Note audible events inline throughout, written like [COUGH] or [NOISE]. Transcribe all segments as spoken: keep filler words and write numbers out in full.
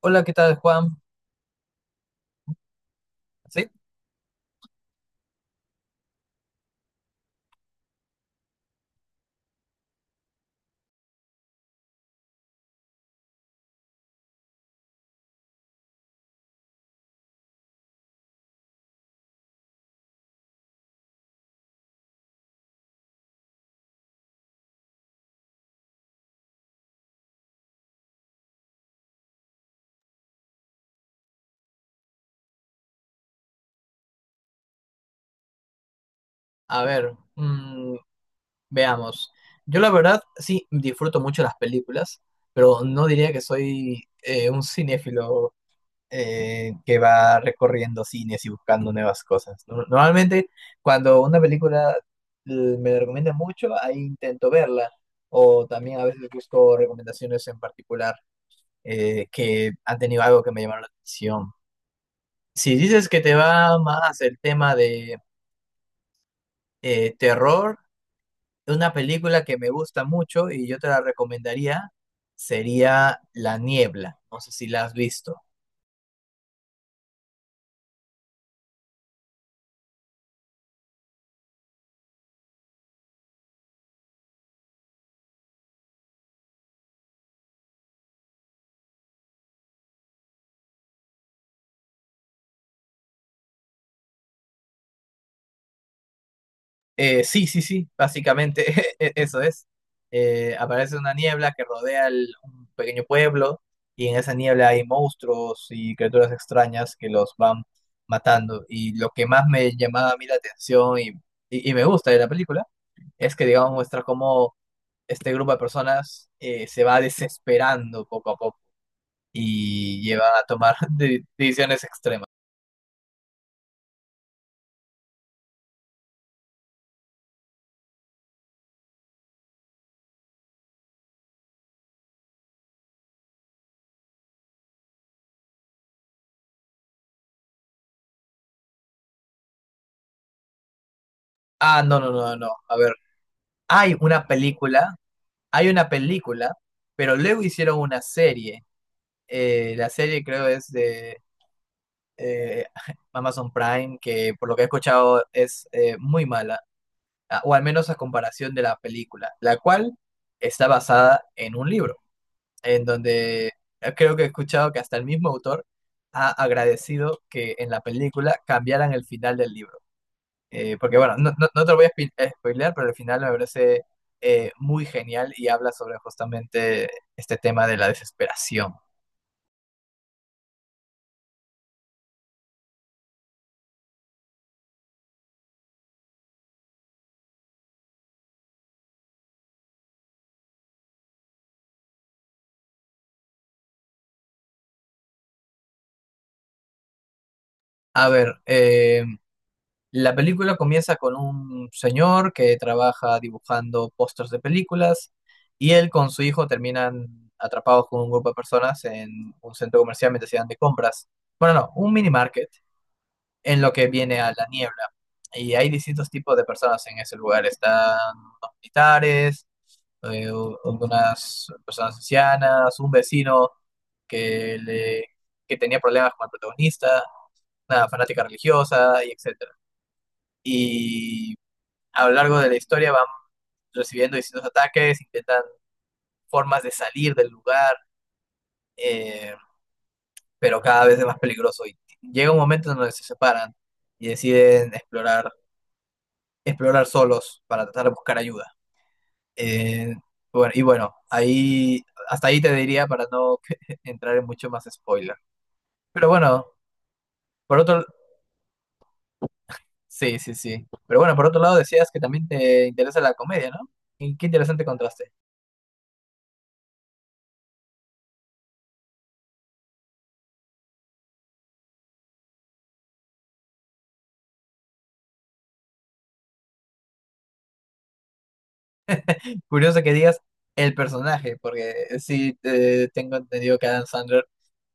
Hola, ¿qué tal, Juan? Sí, a ver, mm, veamos. Yo la verdad sí disfruto mucho las películas, pero no diría que soy eh, un cinéfilo eh, que va recorriendo cines y buscando nuevas cosas. No- Normalmente cuando una película eh, me la recomienda mucho, ahí intento verla, o también a veces busco recomendaciones en particular eh, que han tenido algo que me llamaron la atención. Si dices que te va más el tema de eh, terror, una película que me gusta mucho y yo te la recomendaría sería La Niebla. No sé si la has visto. Eh, sí, sí, sí, básicamente [LAUGHS] e- eso es. Eh, aparece una niebla que rodea el- un pequeño pueblo y en esa niebla hay monstruos y criaturas extrañas que los van matando. Y lo que más me llamaba a mí la atención y, y- y me gusta de la película es que, digamos, muestra cómo este grupo de personas eh, se va desesperando poco a poco y llevan a tomar [LAUGHS] de- decisiones extremas. Ah, no, no, no, no. A ver, hay una película, hay una película, pero luego hicieron una serie. Eh, la serie creo es de eh, [LAUGHS] Amazon Prime, que por lo que he escuchado es eh, muy mala, ah, o al menos a comparación de la película, la cual está basada en un libro, en donde creo que he escuchado que hasta el mismo autor ha agradecido que en la película cambiaran el final del libro. Eh, porque bueno, no, no, no te lo voy a spi- a spoilear, pero al final me parece eh, muy genial y habla sobre justamente este tema de la desesperación. A ver, eh, la película comienza con un señor que trabaja dibujando pósters de películas y él con su hijo terminan atrapados con un grupo de personas en un centro comercial mientras se dan de compras. Bueno, no, un mini market en lo que viene a la niebla. Y hay distintos tipos de personas en ese lugar. Están los militares, eh, u- algunas personas ancianas, un vecino que, le, que tenía problemas con el protagonista, una fanática religiosa, y etcétera. Y a lo largo de la historia van recibiendo distintos ataques, intentan formas de salir del lugar, eh, pero cada vez es más peligroso. Y llega un momento en donde se separan y deciden explorar explorar solos para tratar de buscar ayuda. Eh, bueno, y bueno, ahí, hasta ahí te diría para no [LAUGHS] entrar en mucho más spoiler. Pero bueno, por otro, sí, sí, sí. Pero bueno, por otro lado decías que también te interesa la comedia, ¿no? Y qué interesante contraste. Curioso que digas el personaje, porque sí eh, tengo entendido que Adam Sandler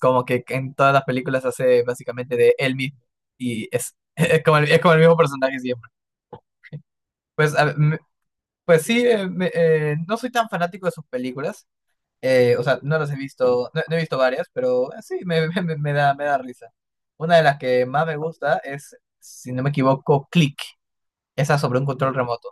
como que en todas las películas hace básicamente de él mismo y es, [LAUGHS] es como el, es como el mismo personaje siempre. Pues a- Pues sí, eh, me- eh, no soy tan fanático de sus películas. eh, o sea, no las he visto, no, no he visto varias, pero eh, sí, me, [LAUGHS] me- me- me da, me da risa. Una de las que más me gusta es, si no me equivoco, Click, esa sobre un control remoto.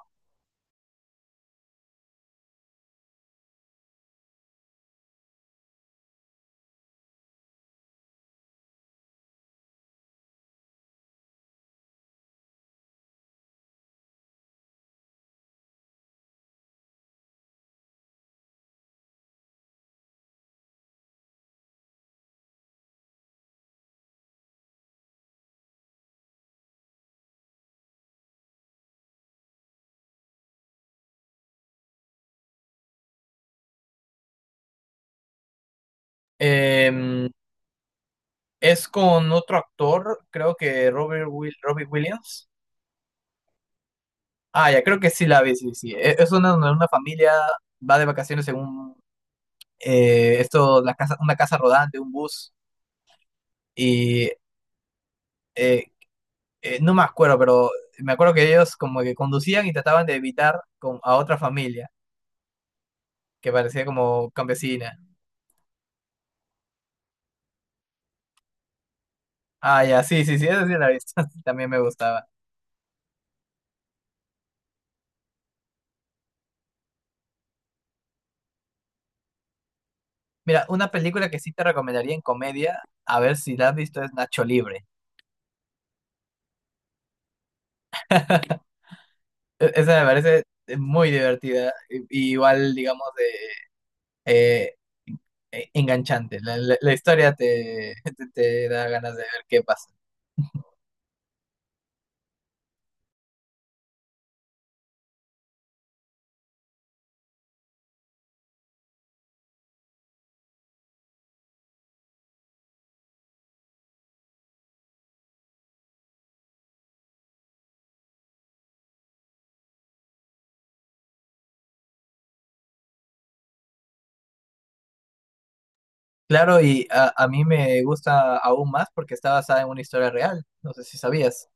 Em, es con otro actor, creo que Robert Will, Robbie Williams. Ah, ya, creo que sí la vi, sí, sí. E- Es una, una una familia, va de vacaciones en un, eh, esto, la casa, una casa rodante, un bus, y eh, eh, no me acuerdo, pero me acuerdo que ellos como que conducían y trataban de evitar con, a otra familia que parecía como campesina. Ah, ya, sí, sí, sí, esa sí la he visto, [LAUGHS] también me gustaba. Mira, una película que sí te recomendaría en comedia, a ver si la has visto, es Nacho Libre. E- Esa me parece eh, muy divertida, y- y igual, digamos, de, eh, eh, enganchante. La, la- la historia te, [LAUGHS] te te da ganas de ver qué pasa. Claro, y a, a mí me gusta aún más porque está basada en una historia real. No sé si sabías.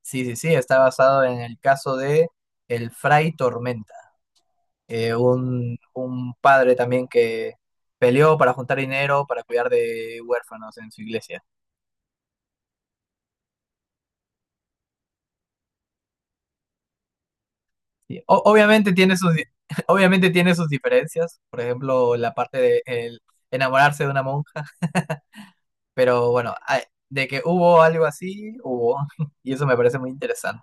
Sí, sí, sí, está basado en el caso de el Fray Tormenta, eh, un, un padre también que peleó para juntar dinero para cuidar de huérfanos en su iglesia. Sí. O- obviamente tiene sus, di- [LAUGHS] obviamente tiene sus diferencias, por ejemplo, la parte de el enamorarse de una monja, pero bueno, a- de que hubo algo así, hubo, [LAUGHS] y eso me parece muy interesante.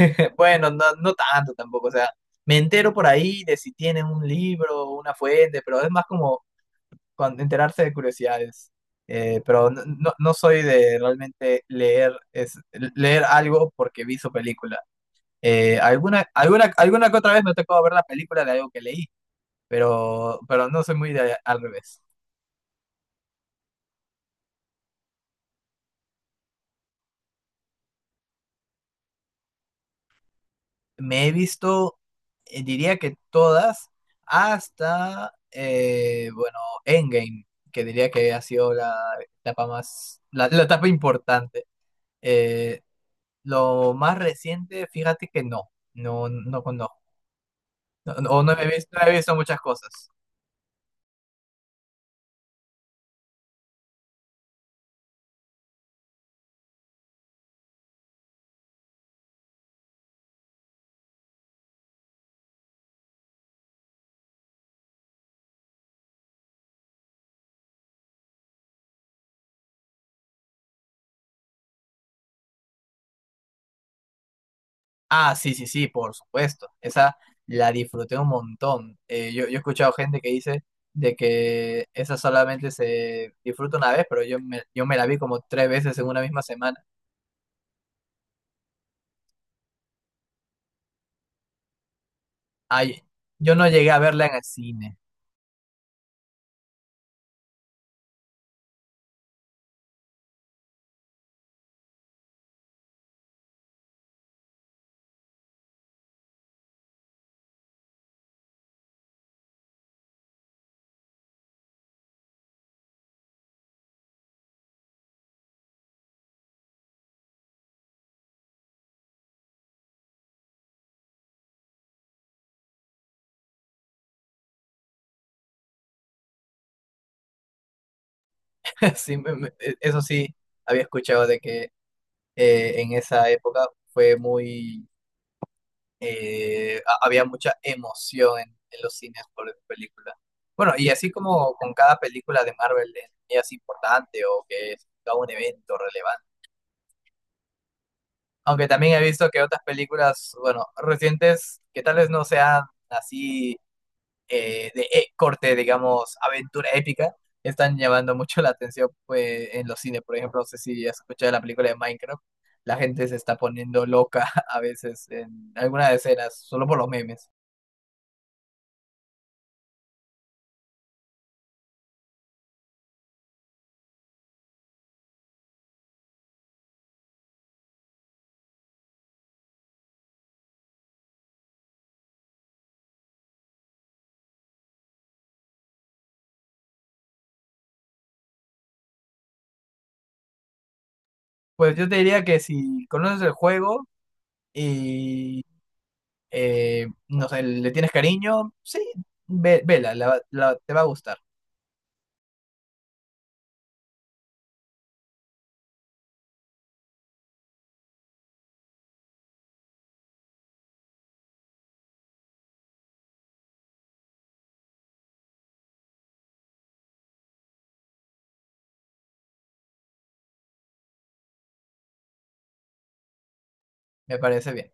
[LAUGHS] Bueno, no, no tanto tampoco, o sea, me entero por ahí de si tienen un libro o una fuente, pero es más como cuando enterarse de curiosidades. Eh, pero no, no, no soy de realmente leer, es, leer algo porque vi su película. Eh, alguna, alguna, alguna que otra vez me tocó ver la película de algo que leí, pero, pero no soy muy de, al revés. Me he visto, eh, diría que todas, hasta, eh, bueno, Endgame, que diría que ha sido la etapa más, la, la etapa importante. Eh, lo más reciente, fíjate que no, no, no conozco. No, no, o no he visto, no he visto muchas cosas. Ah, sí, sí, sí, por supuesto. Esa la disfruté un montón. Eh, yo, yo he escuchado gente que dice de que esa solamente se disfruta una vez, pero yo me, yo me la vi como tres veces en una misma semana. Ay, yo no llegué a verla en el cine. [LAUGHS] Sí, me- me- e, eso sí, había escuchado de que eh, en esa época fue muy... eh, ha- había mucha emoción en, en los cines por esa película. Bueno, y así como con cada película de Marvel es es importante o que es todo un evento relevante. Aunque también he visto que otras películas, bueno, recientes, que tal vez no sean así eh, de eh, corte, digamos, aventura épica, están llamando mucho la atención pues, en los cines. Por ejemplo, no sé si has escuchado la película de Minecraft, la gente se está poniendo loca [LAUGHS] a veces en algunas escenas, solo por los memes. Pues yo te diría que si conoces el juego y, eh, no sé, le tienes cariño, sí, ve- vela, la- la- te va a gustar, me parece bien.